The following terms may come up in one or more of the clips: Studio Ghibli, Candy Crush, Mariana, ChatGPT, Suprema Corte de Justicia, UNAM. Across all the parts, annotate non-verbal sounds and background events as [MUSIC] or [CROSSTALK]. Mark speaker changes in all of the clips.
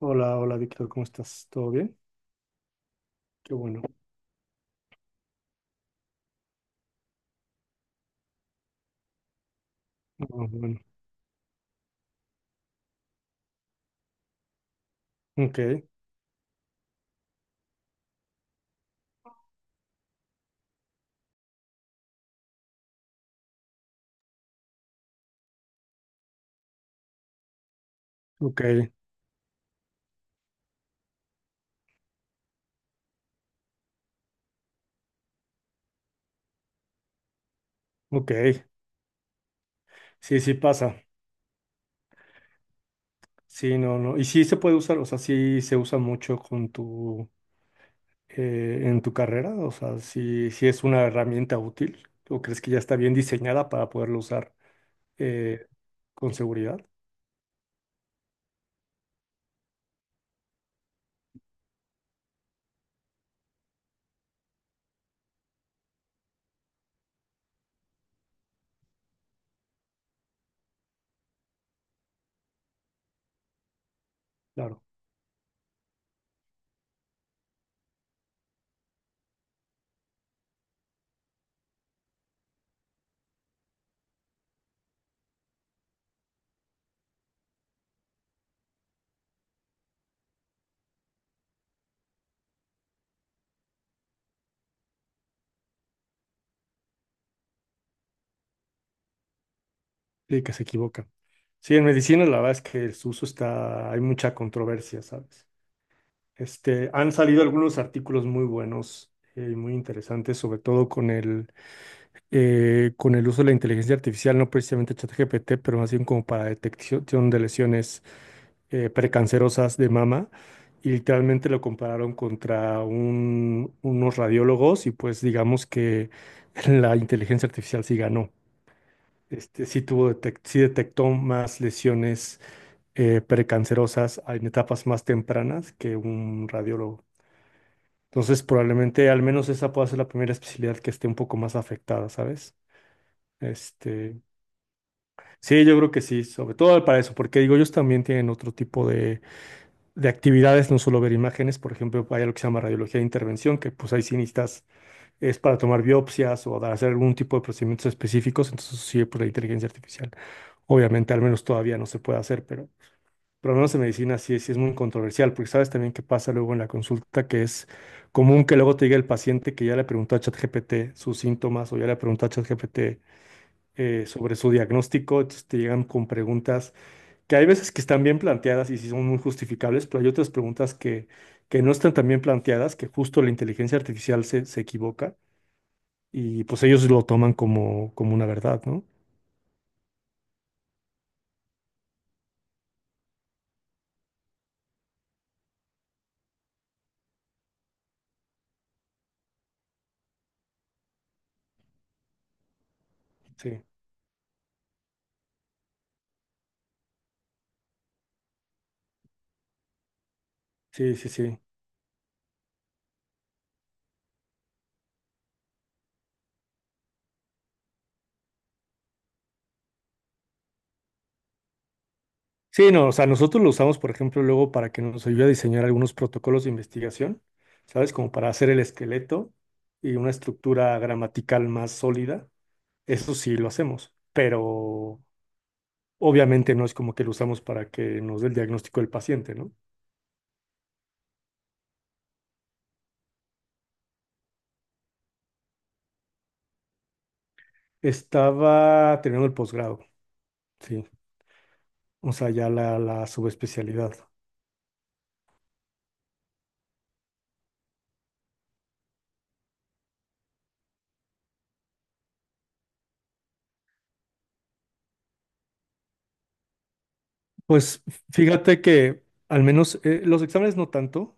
Speaker 1: Hola, hola Víctor, ¿cómo estás? ¿Todo bien? Qué bueno. Ah, bueno. Ok, ok, ok. Sí, sí pasa. Sí, no, no. Y sí se puede usar, o sea, sí se usa mucho con en tu carrera, o sea, sí, sí es una herramienta útil, ¿o crees que ya está bien diseñada para poderlo usar eh, con seguridad? Claro, sí, que se equivoca. Sí, en medicina la verdad es que su uso está, hay mucha controversia, ¿sabes? Este, han salido algunos artículos muy buenos y muy interesantes, sobre todo con con el uso de la inteligencia artificial, no precisamente ChatGPT, pero más bien como para detección de lesiones precancerosas de mama y literalmente lo compararon contra unos radiólogos y pues digamos que [LAUGHS] la inteligencia artificial sí ganó. Este, sí tuvo sí detectó más lesiones precancerosas en etapas más tempranas que un radiólogo. Entonces, probablemente al menos esa pueda ser la primera especialidad que esté un poco más afectada, ¿sabes? Este, sí, yo creo que sí, sobre todo para eso, porque digo, ellos también tienen otro tipo de actividades, no solo ver imágenes, por ejemplo, hay algo que se llama radiología de intervención, que pues ahí sí necesitas, es para tomar biopsias o hacer algún tipo de procedimientos específicos, entonces sí, pues la inteligencia artificial. Obviamente, al menos todavía no se puede hacer, pero por lo menos en medicina sí, sí es muy controversial, porque sabes también qué pasa luego en la consulta, que es común que luego te diga el paciente que ya le preguntó a ChatGPT sus síntomas o ya le preguntó a ChatGPT sobre su diagnóstico, entonces te llegan con preguntas que hay veces que están bien planteadas y sí son muy justificables, pero hay otras preguntas que no están tan bien planteadas, que justo la inteligencia artificial se equivoca y pues ellos lo toman como, como una verdad, ¿no? Sí, sí, sí, sí. Sí, no, o sea, nosotros lo usamos, por ejemplo, luego para que nos ayude a diseñar algunos protocolos de investigación, ¿sabes? Como para hacer el esqueleto y una estructura gramatical más sólida. Eso sí lo hacemos, pero obviamente no es como que lo usamos para que nos dé el diagnóstico del paciente, ¿no? Estaba terminando el posgrado, sí, o sea, ya la subespecialidad. Pues fíjate que al menos los exámenes no tanto.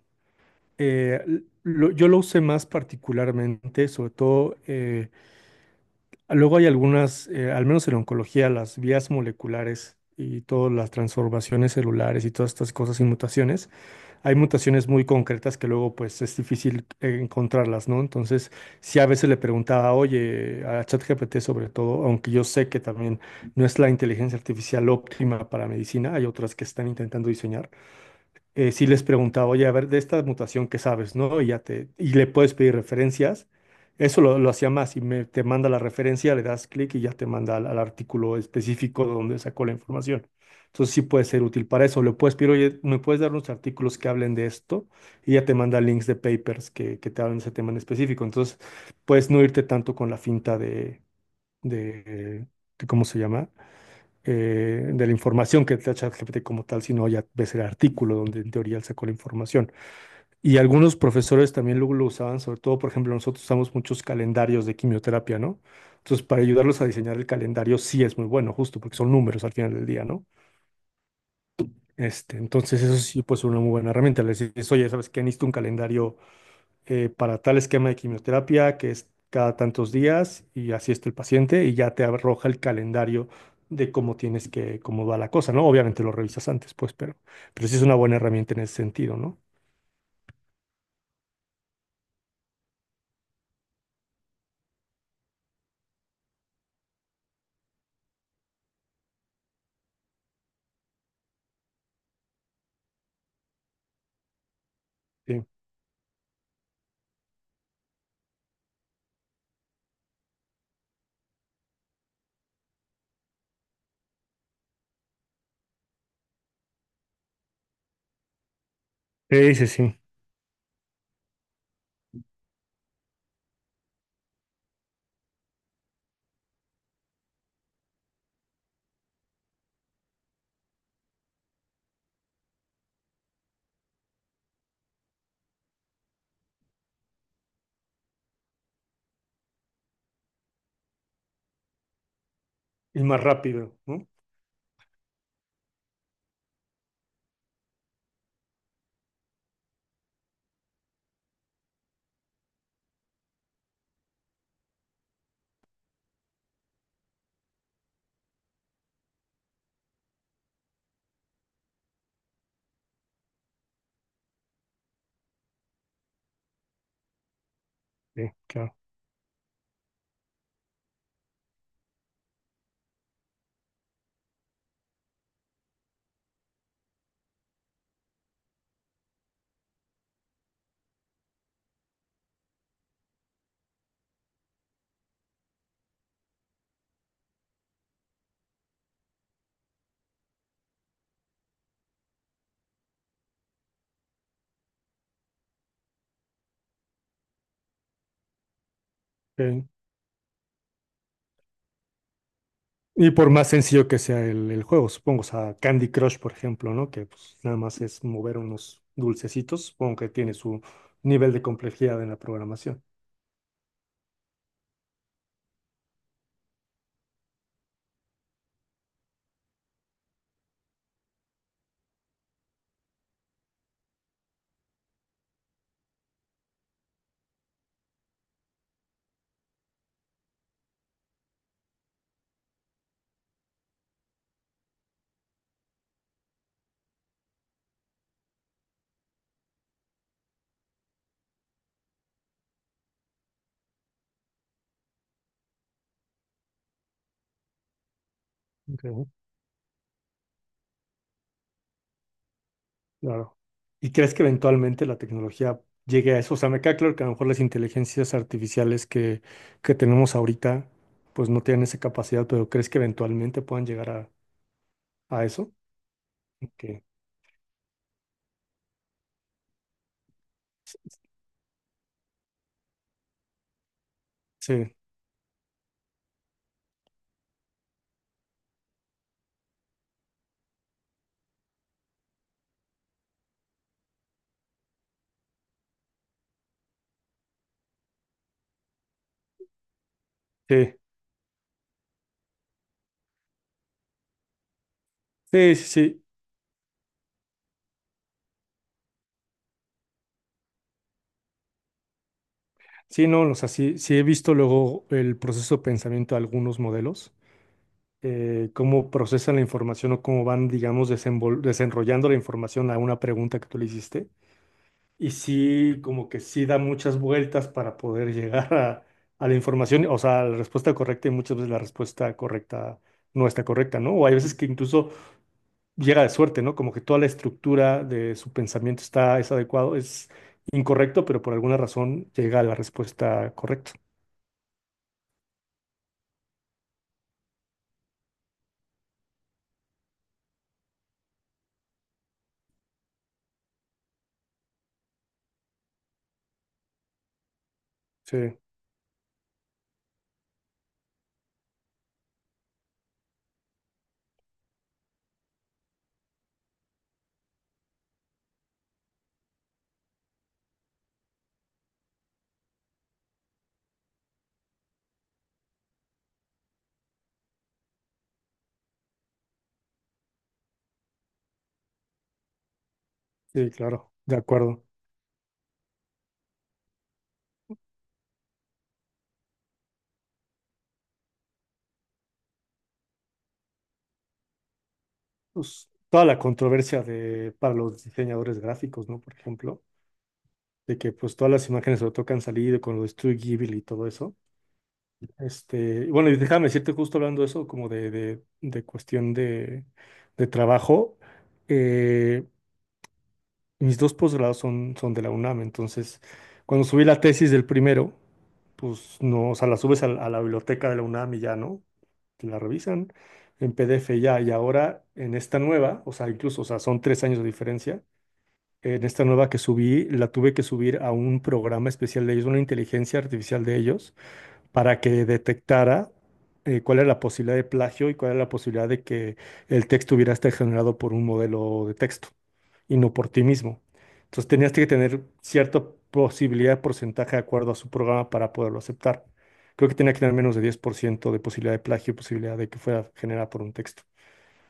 Speaker 1: Yo lo usé más particularmente, sobre todo, luego hay algunas, al menos en oncología, las vías moleculares y todas las transformaciones celulares y todas estas cosas y mutaciones. Hay mutaciones muy concretas que luego pues es difícil encontrarlas, ¿no? Entonces, si a veces le preguntaba, oye, a ChatGPT sobre todo, aunque yo sé que también no es la inteligencia artificial óptima para medicina, hay otras que están intentando diseñar, sí les preguntaba, oye, a ver, de esta mutación que sabes, ¿no? Y ya te, y le puedes pedir referencias. Eso lo hacía más, te manda la referencia, le das clic y ya te manda al artículo específico de donde sacó la información. Entonces sí puede ser útil para eso. Le puedes pedir, oye, ¿me puedes dar unos artículos que hablen de esto? Y ya te manda links de papers que te hablen de ese tema en específico. Entonces puedes no irte tanto con la finta de, de ¿cómo se llama? De la información que te da ChatGPT como tal, sino ya ves el artículo donde en teoría él sacó la información. Y algunos profesores también luego lo usaban, sobre todo, por ejemplo, nosotros usamos muchos calendarios de quimioterapia, ¿no? Entonces, para ayudarlos a diseñar el calendario sí es muy bueno, justo porque son números al final del día, ¿no? Este, entonces, eso sí, pues una muy buena herramienta. Les dices, oye, ¿sabes qué? Necesito un calendario para tal esquema de quimioterapia que es cada tantos días y así está el paciente y ya te arroja el calendario de cómo tienes cómo va la cosa, ¿no? Obviamente lo revisas antes, pues, pero sí es una buena herramienta en ese sentido, ¿no? Sí, sí, sí. Sí. Y más rápido, ¿no? Sí, claro. Ok. Y por más sencillo que sea el juego, supongo, o sea, Candy Crush, por ejemplo, ¿no? Que pues, nada más es mover unos dulcecitos, supongo que tiene su nivel de complejidad en la programación. Ok. Claro. ¿Y crees que eventualmente la tecnología llegue a eso? O sea, me queda claro que a lo mejor las inteligencias artificiales que tenemos ahorita, pues no tienen esa capacidad, pero ¿crees que eventualmente puedan llegar a eso? Que, sí, sí, sí, sí, sí. Sí, no, o sea, sí, sí he visto luego el proceso de pensamiento de algunos modelos, cómo procesan la información o cómo van, digamos, desenrollando la información a una pregunta que tú le hiciste. Y sí, como que sí da muchas vueltas para poder [LAUGHS] llegar a la información, o sea, a la respuesta correcta y muchas veces la respuesta correcta no está correcta, ¿no? O hay veces que incluso llega de suerte, ¿no? Como que toda la estructura de su pensamiento está, es adecuado, es incorrecto, pero por alguna razón llega a la respuesta correcta. Sí. Sí, claro, de acuerdo. Pues, toda la controversia de, para los diseñadores gráficos, ¿no? Por ejemplo, de que pues todas las imágenes sobre todo que han salido con lo de Studio Ghibli y todo eso. Este, y bueno, y déjame decirte justo hablando de eso, como de cuestión de trabajo, eh, mis dos posgrados son, son de la UNAM, entonces cuando subí la tesis del primero, pues no, o sea, la subes a la biblioteca de la UNAM y ya, ¿no? Te la revisan en PDF ya. Y ahora en esta nueva, o sea, incluso, o sea, son tres años de diferencia. En esta nueva que subí, la tuve que subir a un programa especial de ellos, una inteligencia artificial de ellos, para que detectara cuál era la posibilidad de plagio y cuál era la posibilidad de que el texto hubiera estado generado por un modelo de texto y no por ti mismo. Entonces tenías que tener cierta posibilidad de porcentaje de acuerdo a su programa para poderlo aceptar. Creo que tenía que tener menos de 10% de posibilidad de plagio y posibilidad de que fuera generada por un texto.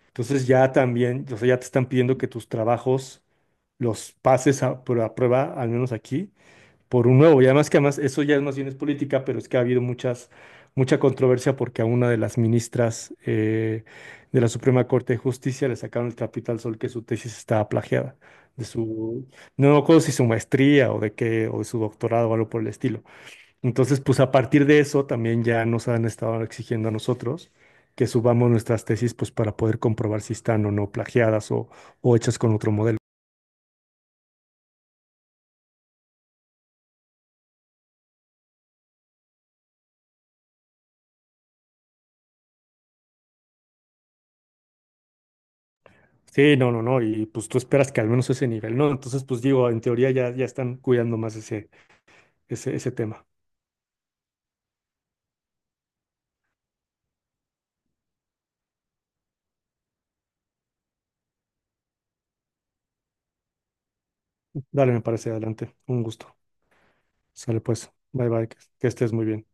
Speaker 1: Entonces ya también, o sea, ya te están pidiendo que tus trabajos los pases a prueba, al menos aquí, por un nuevo. Y además que además eso ya es más bien es política, pero es que ha habido mucha controversia porque a una de las ministras de la Suprema Corte de Justicia le sacaron el trapito al sol que su tesis estaba plagiada. De su, no me acuerdo si su maestría o de qué, o de su doctorado o algo por el estilo. Entonces, pues a partir de eso también ya nos han estado exigiendo a nosotros que subamos nuestras tesis pues para poder comprobar si están o no plagiadas o hechas con otro modelo. Sí, no, no, no, y pues tú esperas que al menos ese nivel, ¿no? Entonces, pues digo, en teoría ya, ya están cuidando más ese ese tema. Dale, me parece, adelante. Un gusto. Sale pues. Bye bye, que estés muy bien.